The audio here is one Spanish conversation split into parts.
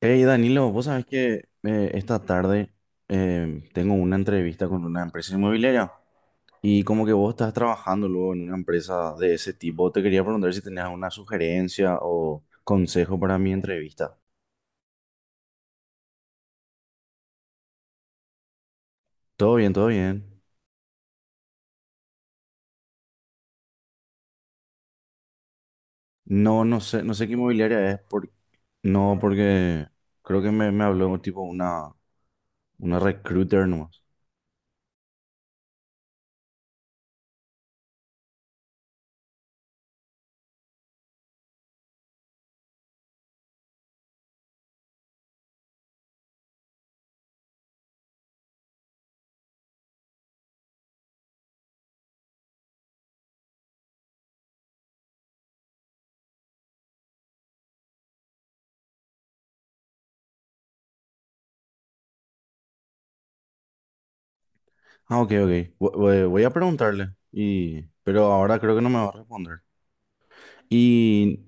Hey Danilo, vos sabés que esta tarde tengo una entrevista con una empresa inmobiliaria y como que vos estás trabajando luego en una empresa de ese tipo, te quería preguntar si tenías una sugerencia o consejo para mi entrevista. Todo bien, todo bien. No, no sé, no sé qué inmobiliaria es, por, no, porque creo que me habló tipo una recruiter nomás. Ah, ok, ok. Voy a preguntarle. Y... Pero ahora creo que no me va a responder. Y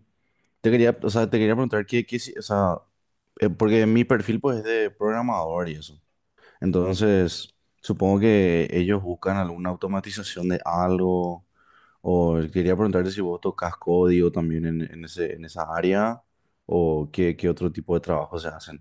te quería, o sea, te quería preguntar qué, qué si- o sea, porque mi perfil pues es de programador y eso. Entonces, supongo que ellos buscan alguna automatización de algo. O quería preguntarte si vos tocas código también en ese, en esa área o qué, qué otro tipo de trabajo se hacen.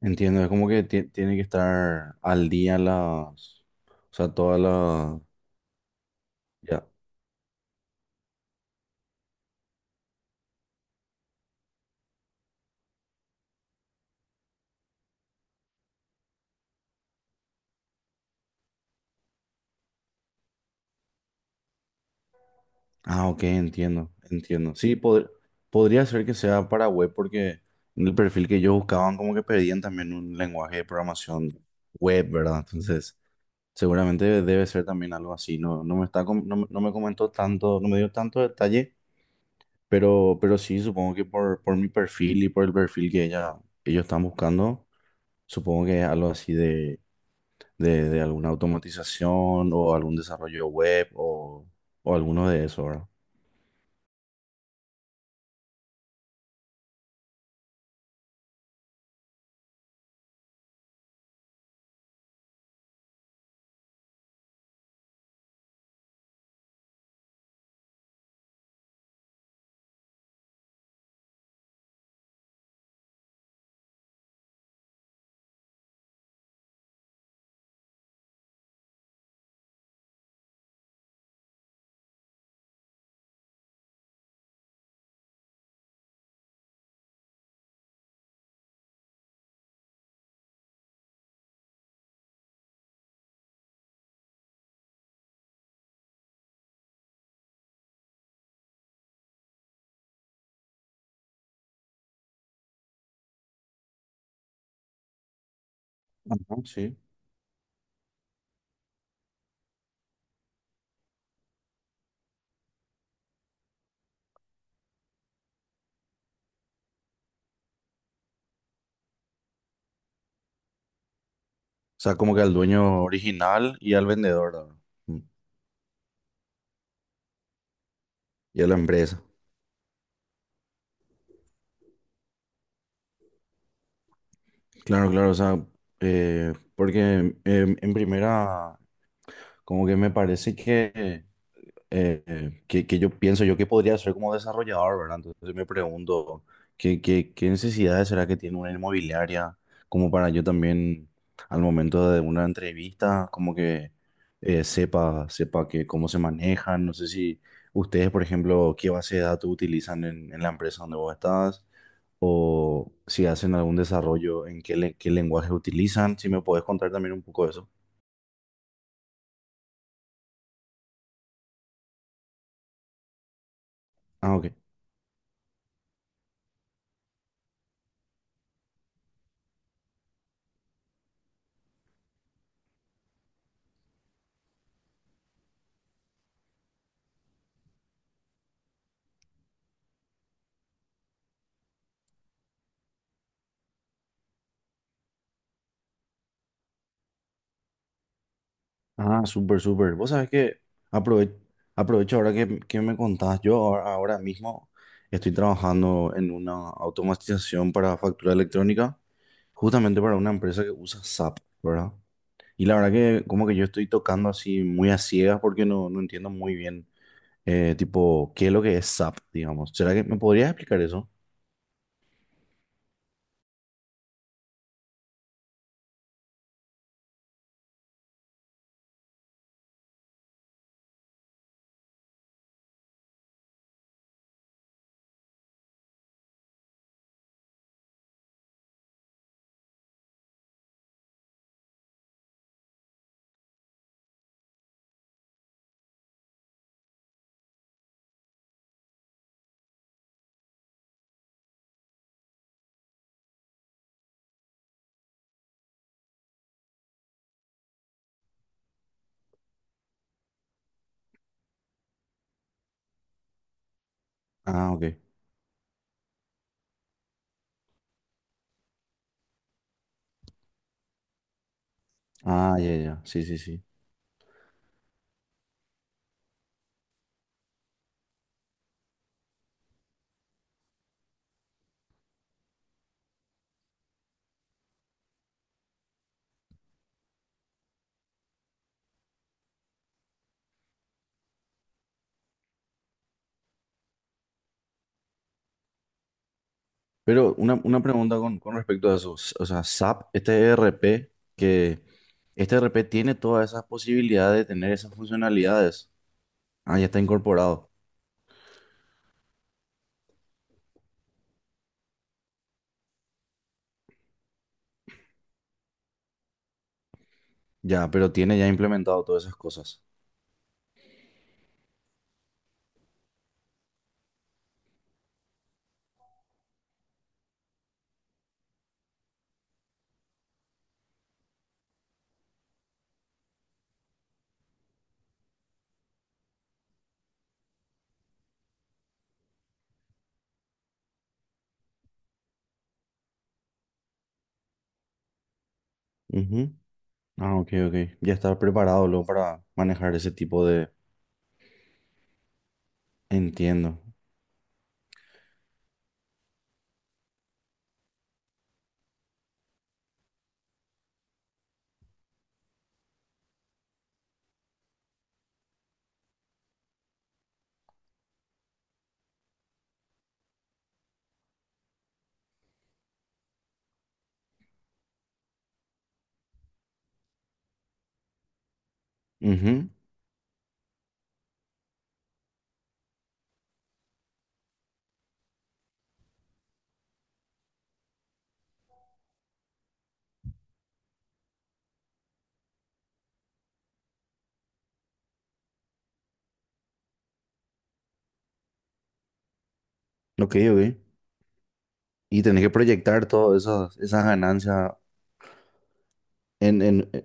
Entiendo, es como que tiene que estar al día las, o sea, todas las, ya. Ah, ok, entiendo, entiendo. Sí, podría ser que sea para web porque en el perfil que ellos buscaban como que pedían también un lenguaje de programación web, ¿verdad? Entonces, seguramente debe ser también algo así. No, no, me comentó tanto, no me dio tanto detalle, pero sí, supongo que por mi perfil y por el perfil que ella, ellos están buscando, supongo que es algo así de alguna automatización o algún desarrollo web o alguno de eso, ¿verdad? Ajá, sí. O sea, como que al dueño original y al vendedor, ¿verdad? Mm. Y a la empresa. Claro, claro, o sea, porque en primera, como que me parece que yo pienso yo que podría ser como desarrollador, ¿verdad? Entonces me pregunto, ¿qué, qué, qué necesidades será que tiene una inmobiliaria? Como para yo también, al momento de una entrevista, como que sepa, sepa que cómo se manejan. No sé si ustedes, por ejemplo, qué base de datos utilizan en la empresa donde vos estás. O si hacen algún desarrollo, en qué, qué lenguaje utilizan, si me podés contar también un poco de eso. Ah, ok. Ah, súper, súper. Vos sabés que aprove- aprovecho ahora que me contás. Yo ahora, ahora mismo estoy trabajando en una automatización para factura electrónica, justamente para una empresa que usa SAP, ¿verdad? Y la verdad que como que yo estoy tocando así muy a ciegas porque no, no entiendo muy bien, tipo, qué es lo que es SAP, digamos. ¿Será que me podrías explicar eso? Ah, ok. Ah, ya, ya. Sí, sí, sí. Pero una pregunta con respecto a eso. O sea, SAP, este ERP, que este ERP tiene todas esas posibilidades de tener esas funcionalidades. Ah, ya está incorporado. Ya, pero tiene ya implementado todas esas cosas. Ujú. Ah, ok, ok. Ya está preparado luego para manejar ese tipo de... Entiendo. Ujú. Ok, ok. Y tenés que proyectar todas esas, esas ganancias en...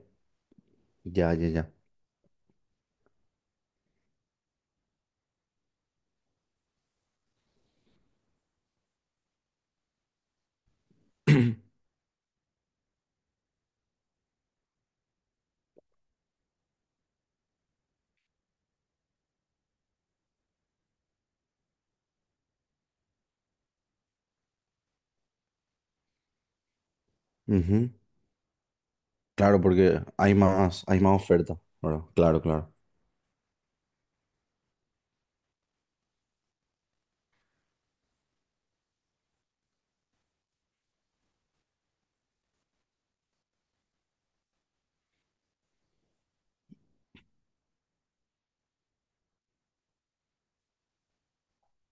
ya, ya, ya. Ujú. Claro, porque hay más oferta. Bueno, claro, claro.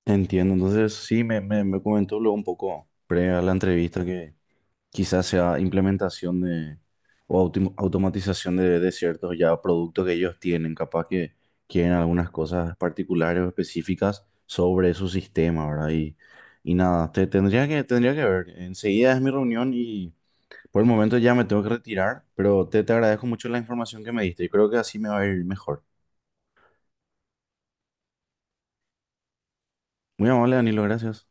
Entiendo, entonces sí, me comentó luego un poco pre a la entrevista que quizás sea implementación de o automatización de ciertos ya productos que ellos tienen, capaz que quieren algunas cosas particulares o específicas sobre su sistema, ¿verdad? Y nada, te, tendría que ver, enseguida es mi reunión y por el momento ya me tengo que retirar, pero te agradezco mucho la información que me diste y creo que así me va a ir mejor. Muy amable, Danilo, gracias.